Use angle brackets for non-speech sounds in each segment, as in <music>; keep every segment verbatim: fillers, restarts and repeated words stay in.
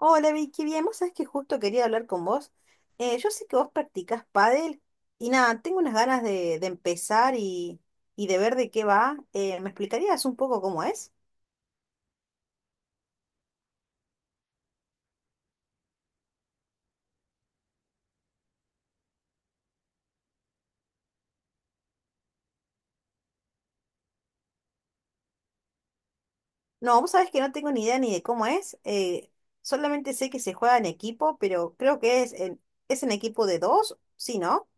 Hola Vicky, bien, vos sabés que justo quería hablar con vos. Eh, yo sé que vos practicás pádel y nada, tengo unas ganas de, de empezar y, y de ver de qué va. Eh, ¿me explicarías un poco cómo es? No, vos sabés que no tengo ni idea ni de cómo es. Eh, solamente sé que se juega en equipo, pero creo que es en, es en equipo de dos, ¿sí, no?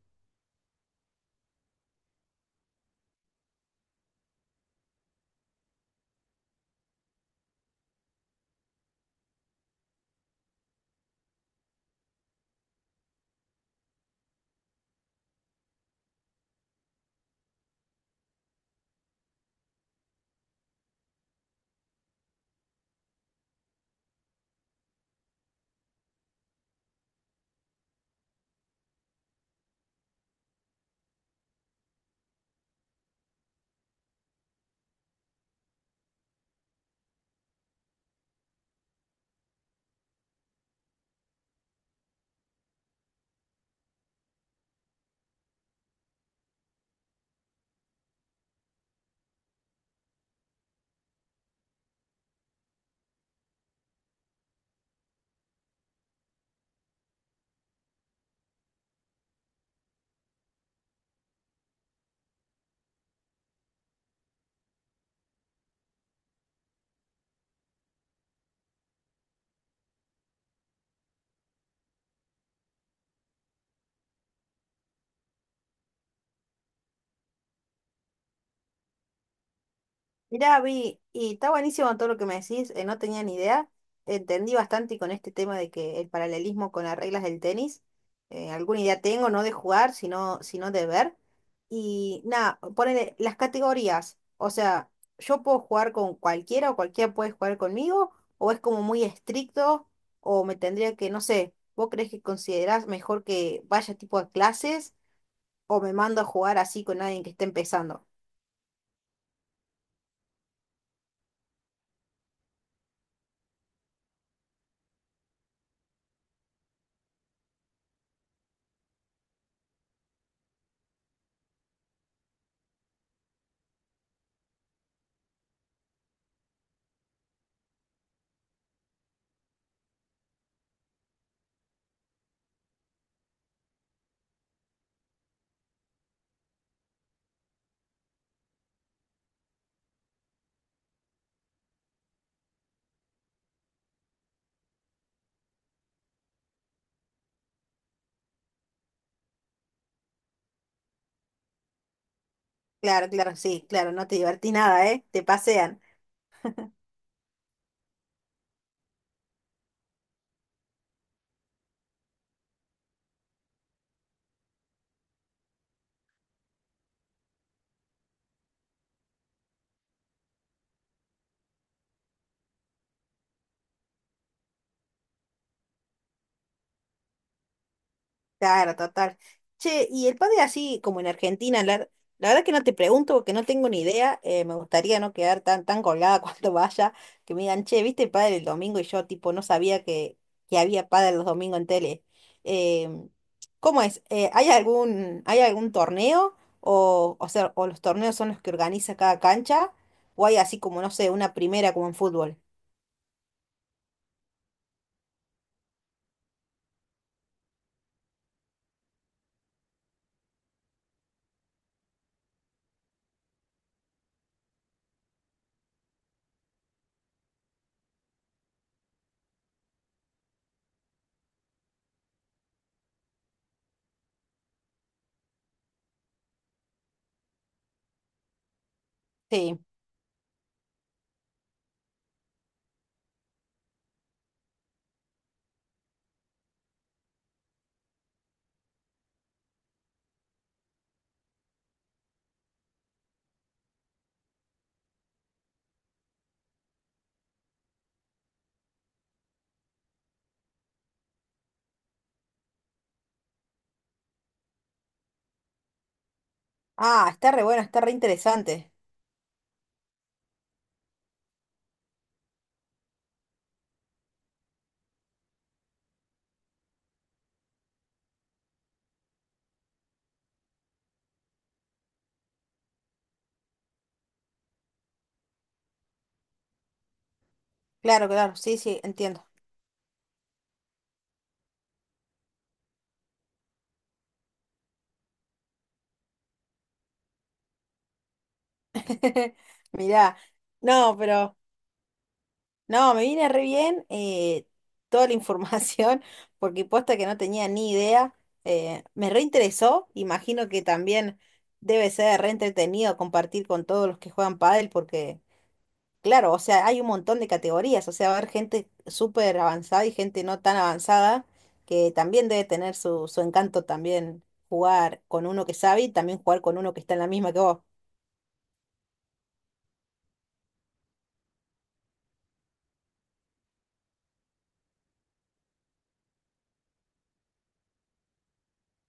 Mirá, Vi, y está buenísimo todo lo que me decís, eh, no tenía ni idea. Entendí bastante con este tema de que el paralelismo con las reglas del tenis, eh, alguna idea tengo, no de jugar, sino, sino de ver. Y nada, ponele las categorías. O sea, ¿yo puedo jugar con cualquiera o cualquiera puede jugar conmigo? ¿O es como muy estricto? ¿O me tendría que, no sé, vos crees que considerás mejor que vaya tipo a clases o me mando a jugar así con alguien que esté empezando? Claro, claro, sí, claro, no te divertí nada, ¿eh? Te pasean. Claro, total. Che, y el padre así como en Argentina, la, la verdad que no te pregunto porque no tengo ni idea, eh, me gustaría no quedar tan, tan colgada <laughs> cuando vaya, que me digan, che, ¿viste el padre el domingo? Y yo tipo no sabía que, que había padre los domingos en tele. Em, ¿Cómo es? Eh, ¿hay algún, Hay algún torneo? O, o sea, o los torneos son los que organiza cada cancha, o hay así como, no sé, una primera como en fútbol. Sí. Ah, está re bueno, está re interesante. Claro, claro, sí, sí, entiendo. <laughs> Mirá, no, pero no, me viene re bien eh, toda la información, <laughs> porque posta que no tenía ni idea. Eh, me reinteresó, imagino que también debe ser re entretenido compartir con todos los que juegan pádel, porque... Claro, o sea, hay un montón de categorías, o sea, va a haber gente súper avanzada y gente no tan avanzada, que también debe tener su, su encanto también jugar con uno que sabe y también jugar con uno que está en la misma que vos.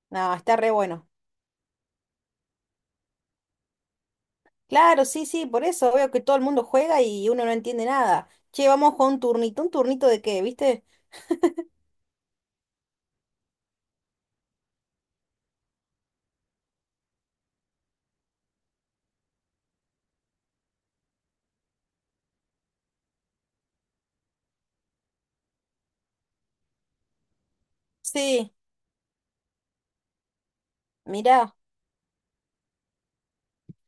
No, está re bueno. Claro, sí, sí, por eso veo que todo el mundo juega y uno no entiende nada. Che, vamos a jugar un turnito, un turnito de qué, ¿viste? Sí, mirá.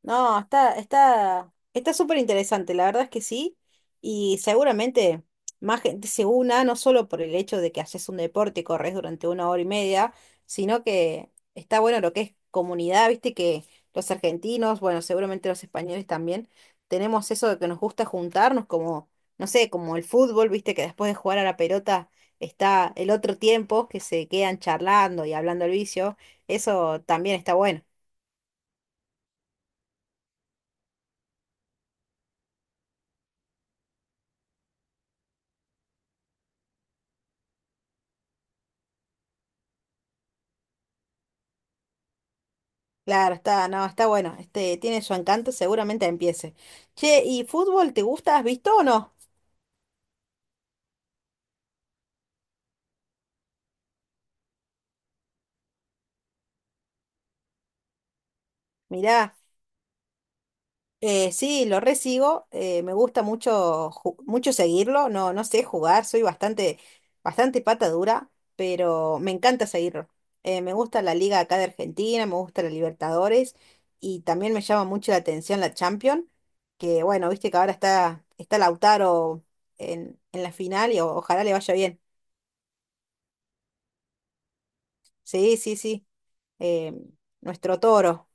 No, está, está, está súper interesante, la verdad es que sí. Y seguramente más gente se una, no solo por el hecho de que haces un deporte y corres durante una hora y media, sino que está bueno lo que es comunidad, viste que los argentinos, bueno, seguramente los españoles también, tenemos eso de que nos gusta juntarnos, como, no sé, como el fútbol, viste que después de jugar a la pelota está el otro tiempo que se quedan charlando y hablando al vicio. Eso también está bueno. Claro, está, no, está bueno. Este, tiene su encanto, seguramente empiece. Che, ¿y fútbol te gusta? ¿Has visto o no? Mirá, eh, sí, lo resigo. Eh, me gusta mucho, ju- mucho seguirlo. No, no sé jugar, soy bastante, bastante pata dura, pero me encanta seguirlo. Eh, me gusta la liga acá de Argentina, me gusta la Libertadores y también me llama mucho la atención la Champions, que bueno, viste que ahora está, está Lautaro en, en la final y o- ojalá le vaya bien. Sí, sí, sí. eh, Nuestro toro.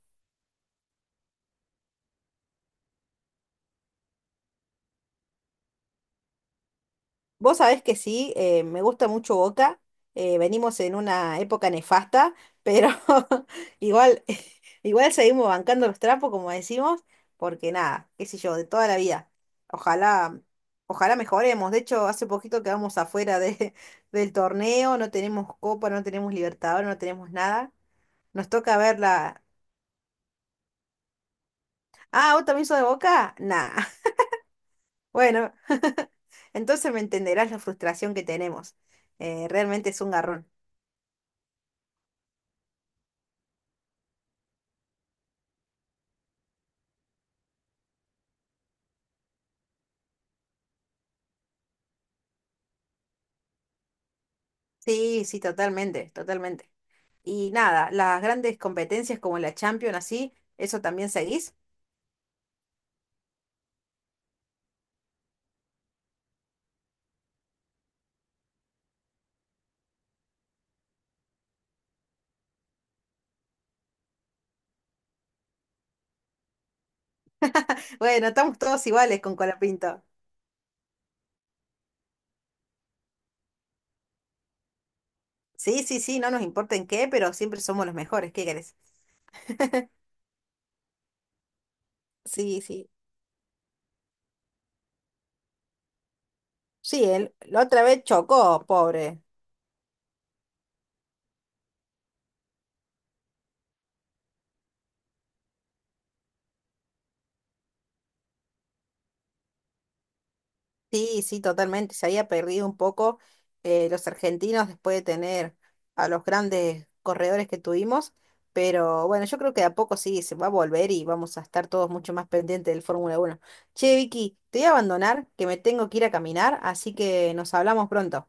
Vos sabés que sí, eh, me gusta mucho Boca, eh, venimos en una época nefasta, pero <laughs> igual, <laughs> igual seguimos bancando los trapos, como decimos, porque nada, qué sé yo, de toda la vida. Ojalá, ojalá mejoremos. De hecho, hace poquito quedamos afuera de, <laughs> del torneo, no tenemos Copa, no tenemos Libertadores, no tenemos nada. Nos toca ver la. Ah, ¿vos también sos de Boca? Nah. Bueno, <laughs> entonces me entenderás la frustración que tenemos. Eh, realmente es un garrón. Sí, sí, totalmente, totalmente. Y nada, las grandes competencias como la Champions, así, ¿eso también seguís? <laughs> Bueno, estamos todos iguales con Colapinto. Sí, sí, sí, no nos importa en qué, pero siempre somos los mejores, ¿qué querés? Sí, sí. Sí, él, la otra vez chocó, pobre. Sí, sí, totalmente. Se había perdido un poco eh, los argentinos después de tener a los grandes corredores que tuvimos, pero bueno, yo creo que de a poco sí se va a volver y vamos a estar todos mucho más pendientes del Fórmula Uno. Che, Vicky, te voy a abandonar, que me tengo que ir a caminar, así que nos hablamos pronto.